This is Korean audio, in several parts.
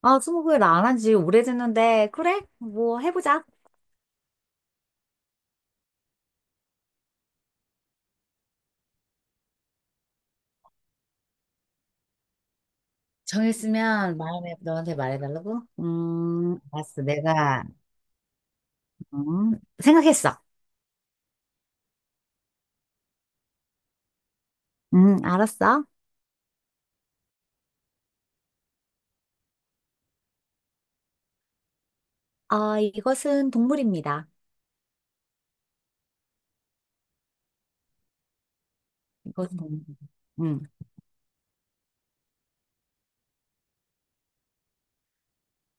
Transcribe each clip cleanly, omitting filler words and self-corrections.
아, 스무고개를 안한 지 오래됐는데, 그래? 뭐, 해보자. 정했으면 마음에 너한테 말해달라고? 알았어, 내가. 생각했어. 알았어. 아, 이것은 동물입니다. 이것은 동물. 음,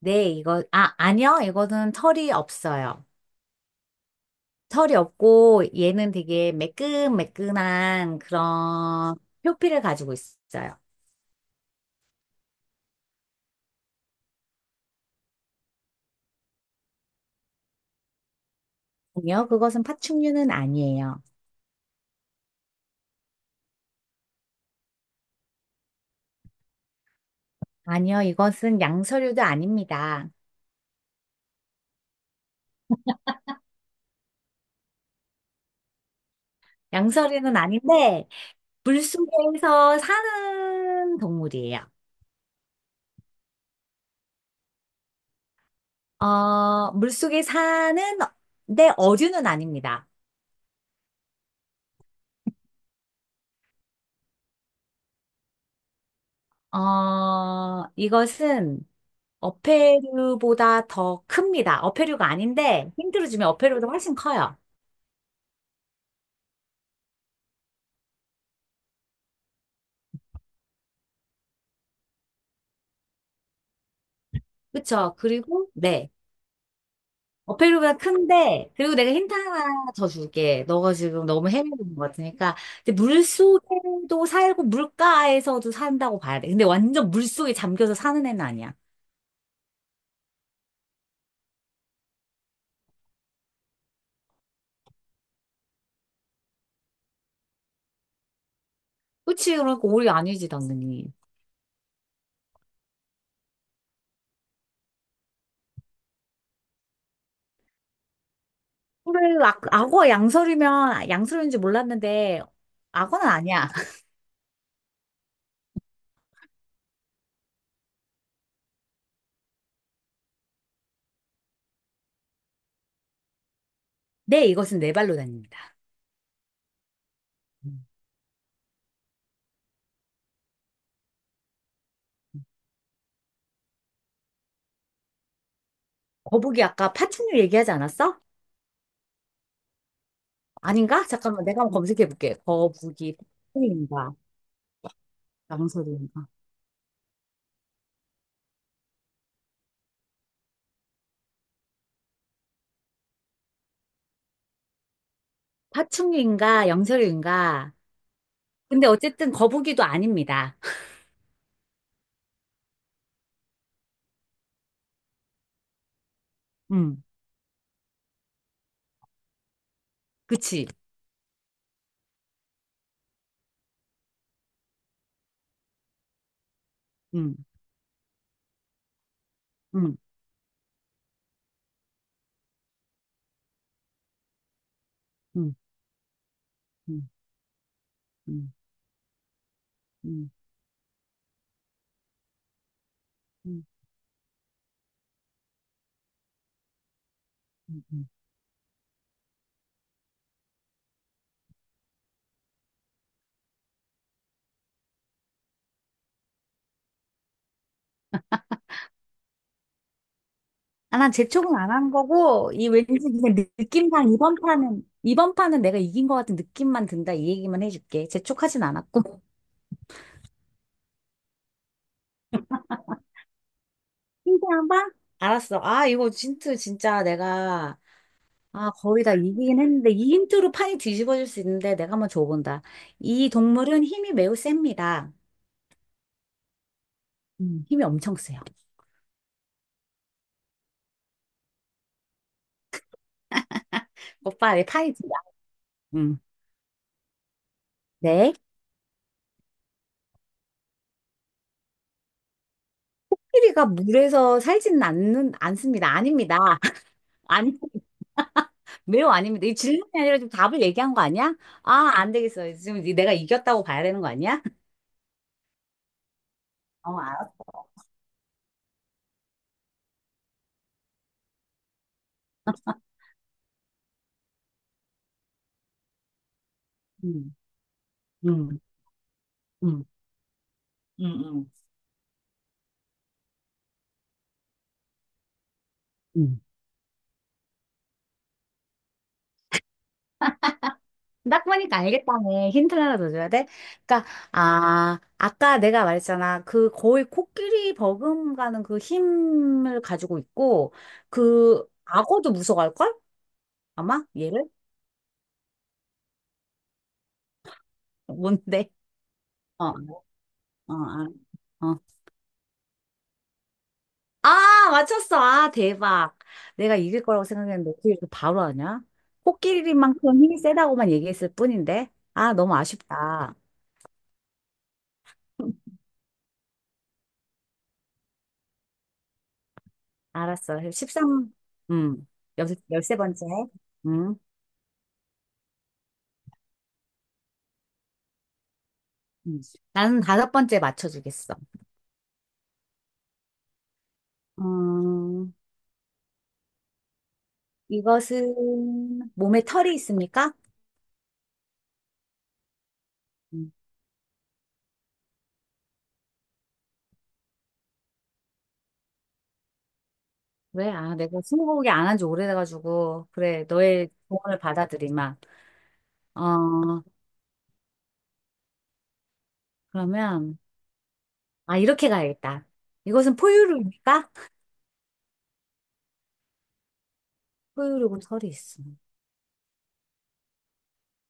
네, 이거, 아, 아니요. 이거는 털이 없어요. 털이 없고, 얘는 되게 매끈매끈한 그런 표피를 가지고 있어요. 아니요, 그것은 파충류는 아니에요. 아니요, 이것은 양서류도 아닙니다. 양서류는 아닌데 물속에서 사는 동물이에요. 어, 물속에 사는 내 어류는 아닙니다. 어, 이것은 어패류보다 더 큽니다. 어패류가 아닌데 힌트를 주면 어패류보다 훨씬 커요. 그쵸? 그리고 네. 어패류보다 큰데, 그리고 내가 힌트 하나 더 줄게. 너가 지금 너무 헤매는 것 같으니까. 근데 물속에도 살고 물가에서도 산다고 봐야 돼. 근데 완전 물속에 잠겨서 사는 애는 아니야. 그치? 그러니까 오리 아니지, 당연히. 그래, 악어 양서류면 양서류인지 몰랐는데, 악어는 아니야. 네, 이것은 네 발로 다닙니다. 음. 거북이 아까 파충류 얘기하지 않았어? 아닌가? 잠깐만, 내가 한번 검색해 볼게. 거북이 파충류인가? 양서류인가? 파충류인가? 양서류인가? 근데 어쨌든 거북이도 아닙니다. 음, 그치? 음, 음, 음, 음, 음, 음, 음, 음, 음. 아, 난 재촉은 안 한 거고, 이 왠지 그냥 느낌상 이번 판은, 이번 판은 내가 이긴 것 같은 느낌만 든다. 이 얘기만 해줄게. 재촉하진 않았고. 힌트한 번? 알았어. 아, 이거 힌트 진짜 내가, 아, 거의 다 이기긴 했는데, 이 힌트로 판이 뒤집어질 수 있는데, 내가 한번 줘본다. 이 동물은 힘이 매우 셉니다. 음. 힘이 엄청 세요. 오빠, 네, 파이지. 음. 네. 코끼리가 물에서 살지는 않는, 않습니다. 아닙니다. 아니, 매우 아닙니다. 이 질문이 아니라 좀 답을 얘기한 거 아니야? 아, 안 되겠어. 지금 내가 이겼다고 봐야 되는 거 아니야? 어, 알았어. 음, 음, 음, 음, 음. 음. 딱 보니까 알겠다네. 힌트를 하나 더 줘야 돼? 그러니까, 아, 아까 내가 말했잖아. 그 거의 코끼리 버금가는 그 힘을 가지고 있고, 그 악어도 무서워할걸? 아마? 얘를? 뭔데? 어, 어, 어. 어. 아, 맞췄어. 아, 대박. 내가 이길 거라고 생각했는데 어떻게 이렇게 바로 하냐? 코끼리만큼 힘이 세다고만 얘기했을 뿐인데. 아, 너무 아쉽다. 알았어. 13, 음, 13번째. 음. 음. 나는 다섯 번째 맞춰주겠어. 어, 이것은 몸에 털이 있습니까? 음. 왜? 아, 내가 스무고개 안 한 지 오래돼가지고. 그래, 너의 조언을 받아들이마. 어, 그러면, 아, 이렇게 가야겠다. 이것은 포유류입니까? 포유류고 털이 있어.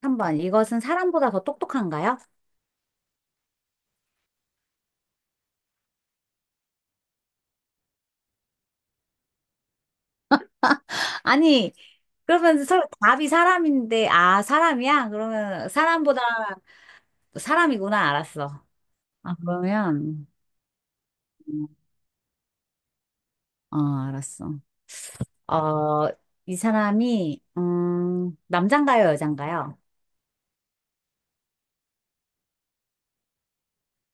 3번, 이것은 사람보다 더 똑똑한가요? 아니, 그러면 서, 답이 사람인데, 아, 사람이야? 그러면 사람보다 사람이구나, 알았어. 아, 그러면. 어, 알았어. 어, 이 사람이, 남잔가요, 여잔가요?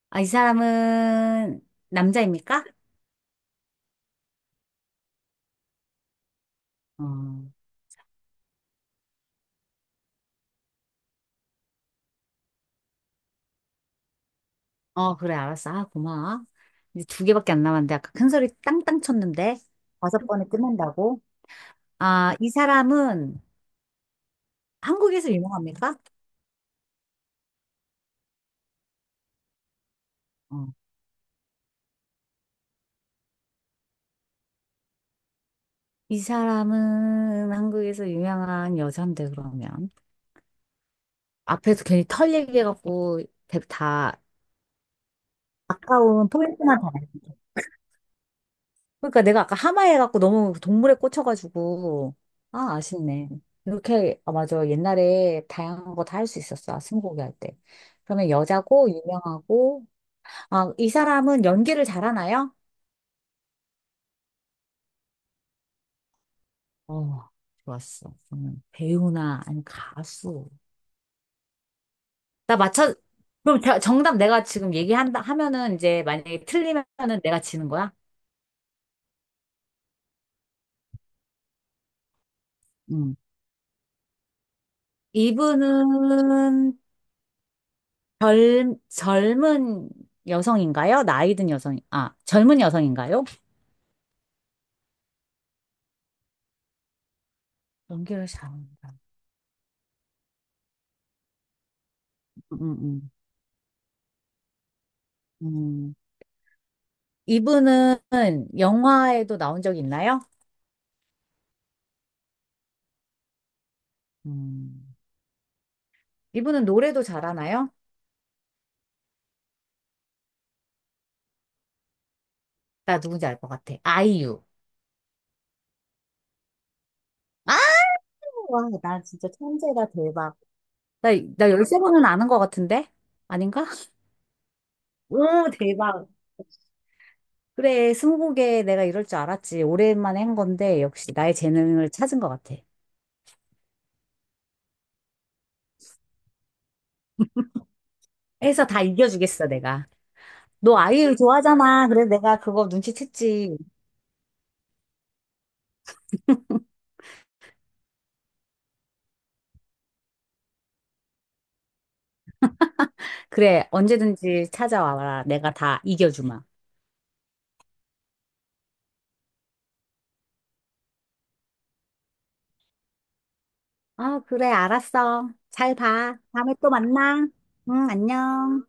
아, 이 사람은 남자입니까? 어, 어, 그래, 알았어. 아, 고마워. 이제 두 개밖에 안 남았는데, 아까 큰 소리 땅땅 쳤는데, 다섯 번에 끝낸다고? 아, 이 사람은 한국에서 유명합니까? 어, 이 사람은 한국에서 유명한 여잔데, 그러면. 앞에서 괜히 털 얘기해갖고, 다, 아까운 포인트만 다. 그러니까 내가 아까 하마에 갖고 너무 동물에 꽂혀가지고 아 아쉽네. 이렇게 아 맞아 옛날에 다양한 거 다 할 수 있었어. 아, 스무고개 할 때. 그러면 여자고 유명하고 아 이 사람은 연기를 잘하나요? 어 좋았어. 배우나 아니 가수. 나 맞춰. 그럼 정답 내가 지금 얘기한다 하면은 이제 만약에 틀리면은 내가 지는 거야? 음. 이분은 젊은 여성인가요? 나이 든 여성, 아, 젊은 여성인가요? 연기를 잘한다. 음, 음, 음. 음. 이분은 영화에도 나온 적 있나요? 음. 이분은 노래도 잘하나요? 나 누군지 알 것 같아. 아이유. 아, 와, 나 진짜 천재다, 대박. 나, 나 13번은 아는 것 같은데? 아닌가? 오, 대박. 그래, 스무고개 내가 이럴 줄 알았지. 오랜만에 한 건데, 역시 나의 재능을 찾은 것 같아. 해서 다 이겨주겠어, 내가. 너 아이유 좋아하잖아. 그래서 내가 그거 눈치챘지. 그래, 언제든지 찾아와라. 내가 다 이겨주마. 아, 그래, 알았어. 잘 봐. 다음에 또 만나. 응, 안녕.